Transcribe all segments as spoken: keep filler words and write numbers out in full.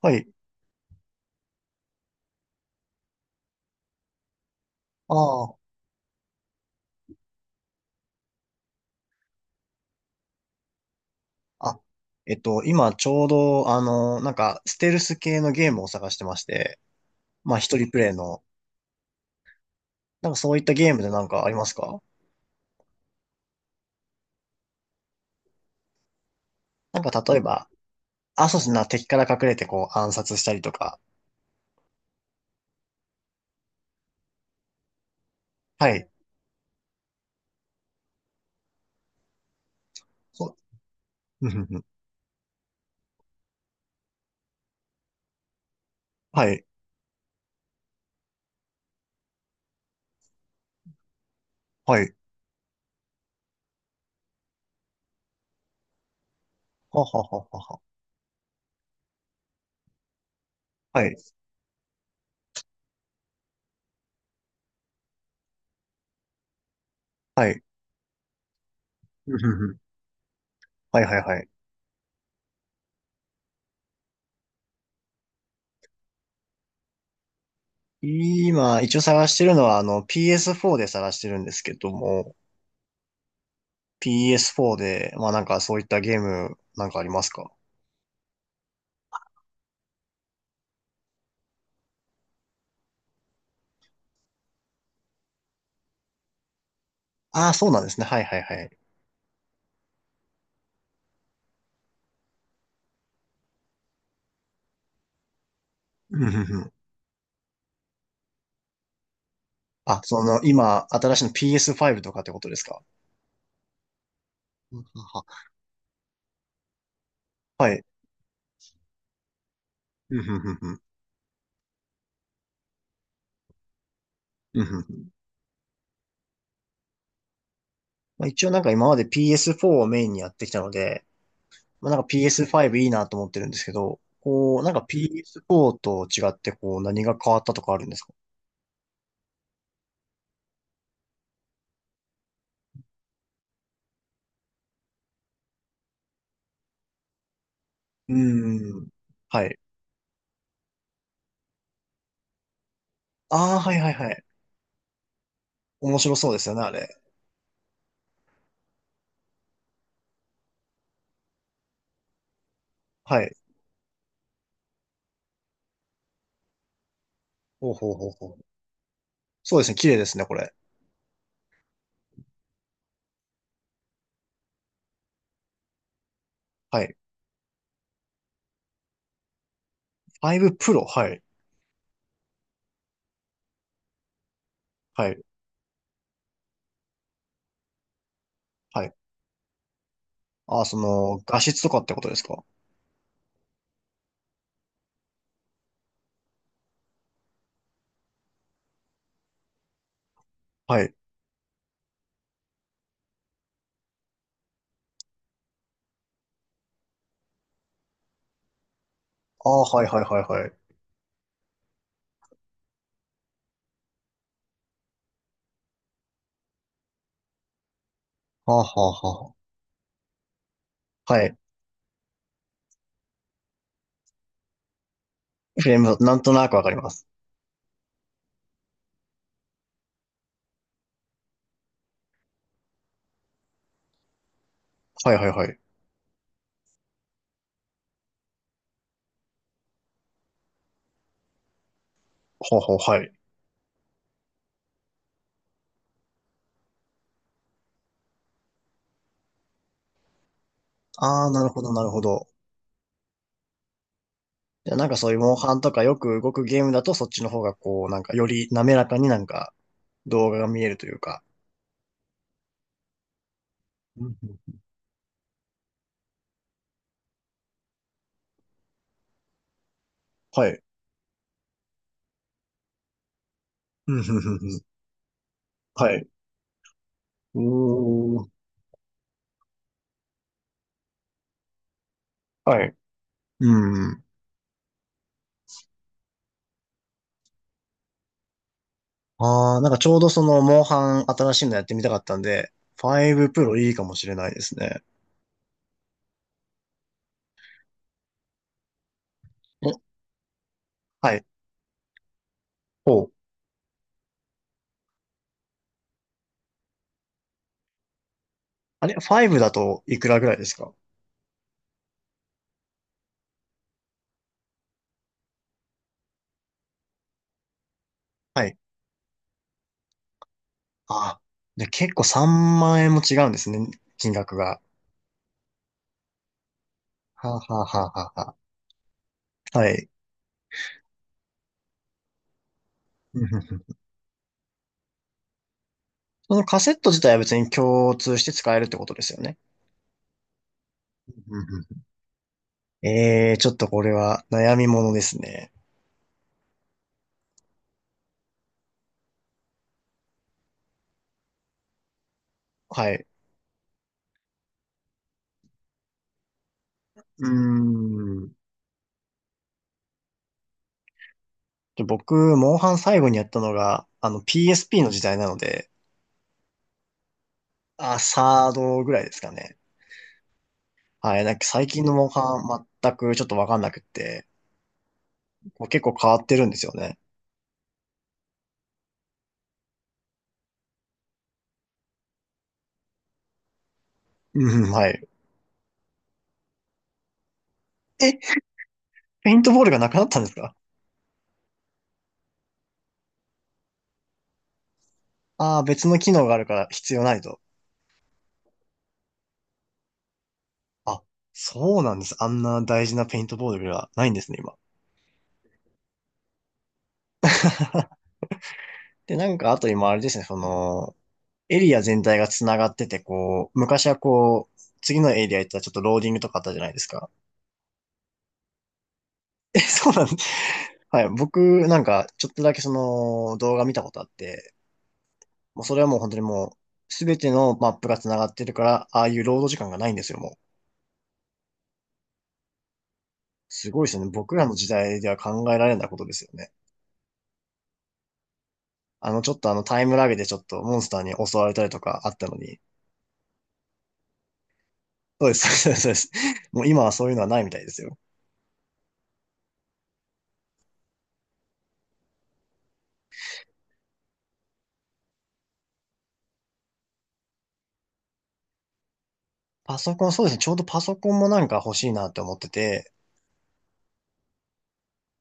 はい。ああ。あ、えっと、今ちょうど、あの、なんか、ステルス系のゲームを探してまして、まあ、一人プレイの、なんかそういったゲームでなんかありますか？なんか例えば、あ、そうですね、敵から隠れてこう暗殺したりとか。はい。そう。うんうんうん。はい。はい。ははははは。はい。はい。うんうんうん。はいはいはい。今、一応探してるのは、あの、ピーエスフォー で探してるんですけども、ピーエスフォー で、まあなんかそういったゲームなんかありますか？ああ、そうなんですね。はいはいはい。うんうんうん。あ、その、今、新しいの ピーエスファイブ とかってことですか？うんはは。はい。うんうんうんうん。うんうんうん。まあ、一応なんか今まで ピーエスフォー をメインにやってきたので、まあ、なんか ピーエスファイブ いいなと思ってるんですけど、こう、なんか ピーエスフォー と違ってこう何が変わったとかあるんですか？うーん。はい。ああ、はいはいはい。面白そうですよね、あれ。はい。ほうほうほうほう。そうですね、綺麗ですね、これ。はい。ファイブ Pro、はい。はい。はい。ああ、その、画質とかってことですか？はい。ああ、はいはいはいはい。はあ、はあ、はあ。はい。フレーム、なんとなくわかります。はいはいはい。ほうほう、はい。ああ、なるほどなるほど。じゃあなんかそういうモンハンとかよく動くゲームだとそっちの方がこう、なんかより滑らかになんか動画が見えるというか。うんうん。はい。うんふんふんふん。はい。おー。はい。うん。ああ、なんかちょうどその、モンハン新しいのやってみたかったんで、ファイブプロいいかもしれないですね。え、はい。ほう。あれ、ファイブだといくらぐらいですか？はい。あ、で、結構さんまん円も違うんですね、金額が。はあ、はあはあはあはあ、はい。うんうんうん。そのカセット自体は別に共通して使えるってことですよね。うんうんうん。えー、ちょっとこれは悩みものですね。はい。うーん。で僕、モンハン最後にやったのが、あの ピーエスピー の時代なので、あ、サードぐらいですかね。はい。なんか最近のモンハン全くちょっとわかんなくって、こう結構変わってるんですよね。うん、はい。え、ペイントボールがなくなったんですか？ああー、別の機能があるから必要ないと。あ、そうなんです。あんな大事なペイントボールがないんですね、今。で、なんか、あと今あれですね、その、エリア全体が繋がってて、こう、昔はこう、次のエリア行ったらちょっとローディングとかあったじゃないですか。え、そうなんです。はい。僕、なんか、ちょっとだけその動画見たことあって、もうそれはもう本当にもう、すべてのマップが繋がってるから、ああいうロード時間がないんですよ、もう。すごいですよね。僕らの時代では考えられないことですよね。あの、ちょっとあのタイムラグでちょっとモンスターに襲われたりとかあったのに。そうです、そうです、そうです。もう今はそういうのはないみたいですよ。パソコン、そうですね。ちょうどパソコンもなんか欲しいなって思ってて、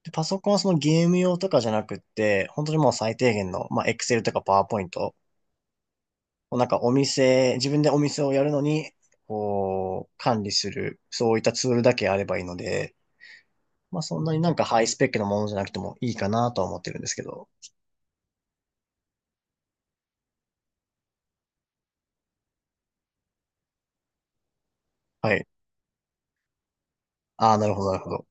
でパソコンはそのゲーム用とかじゃなくって、本当にもう最低限の、まあ、Excel とか PowerPoint、なんかお店、自分でお店をやるのに、こう、管理する、そういったツールだけあればいいので、まあそんなになんかハイスペックなものじゃなくてもいいかなとは思ってるんですけど。はい。ああ、なるほど、なるほど。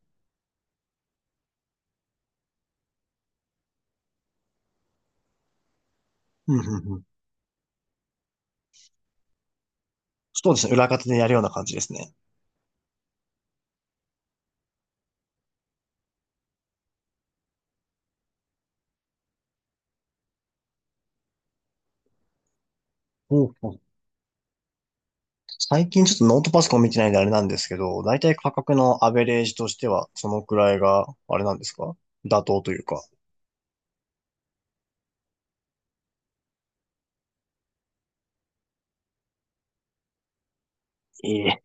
うん、うん、うん。そうですね。裏方でやるような感じですね。ほうほう。最近ちょっとノートパソコン見てないんであれなんですけど、だいたい価格のアベレージとしては、そのくらいが、あれなんですか？妥当というか。ええ。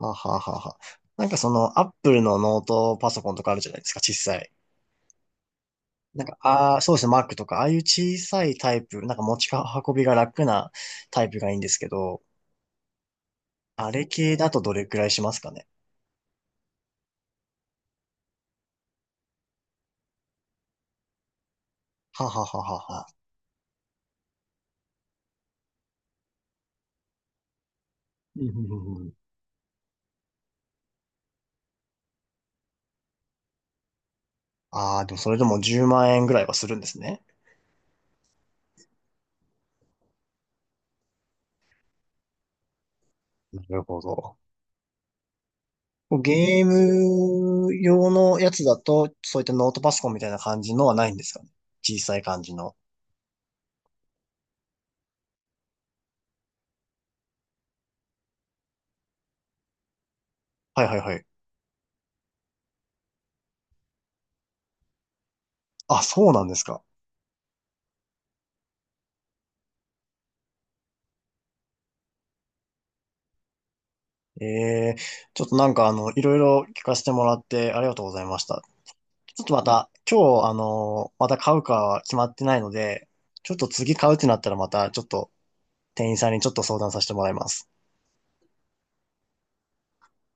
はあはあはあはあ。なんかその、アップルのノートパソコンとかあるじゃないですか、小さい。なんか、ああ、そうですね、Mac とか、ああいう小さいタイプ、なんか持ち運びが楽なタイプがいいんですけど、あれ系だとどれくらいしますかね？はあはあはあはあはあ。うんうんうんうん。ああ、でもそれでもじゅうまん円ぐらいはするんですね。なるほど。ゲーム用のやつだと、そういったノートパソコンみたいな感じのはないんですかね？小さい感じの。はいはいはい。あ、そうなんですか？ええ、ちょっとなんかあの、いろいろ聞かせてもらってありがとうございました。ちょっとまた、今日あの、また買うかは決まってないので、ちょっと次買うってなったらまた、ちょっと店員さんにちょっと相談させてもらいます。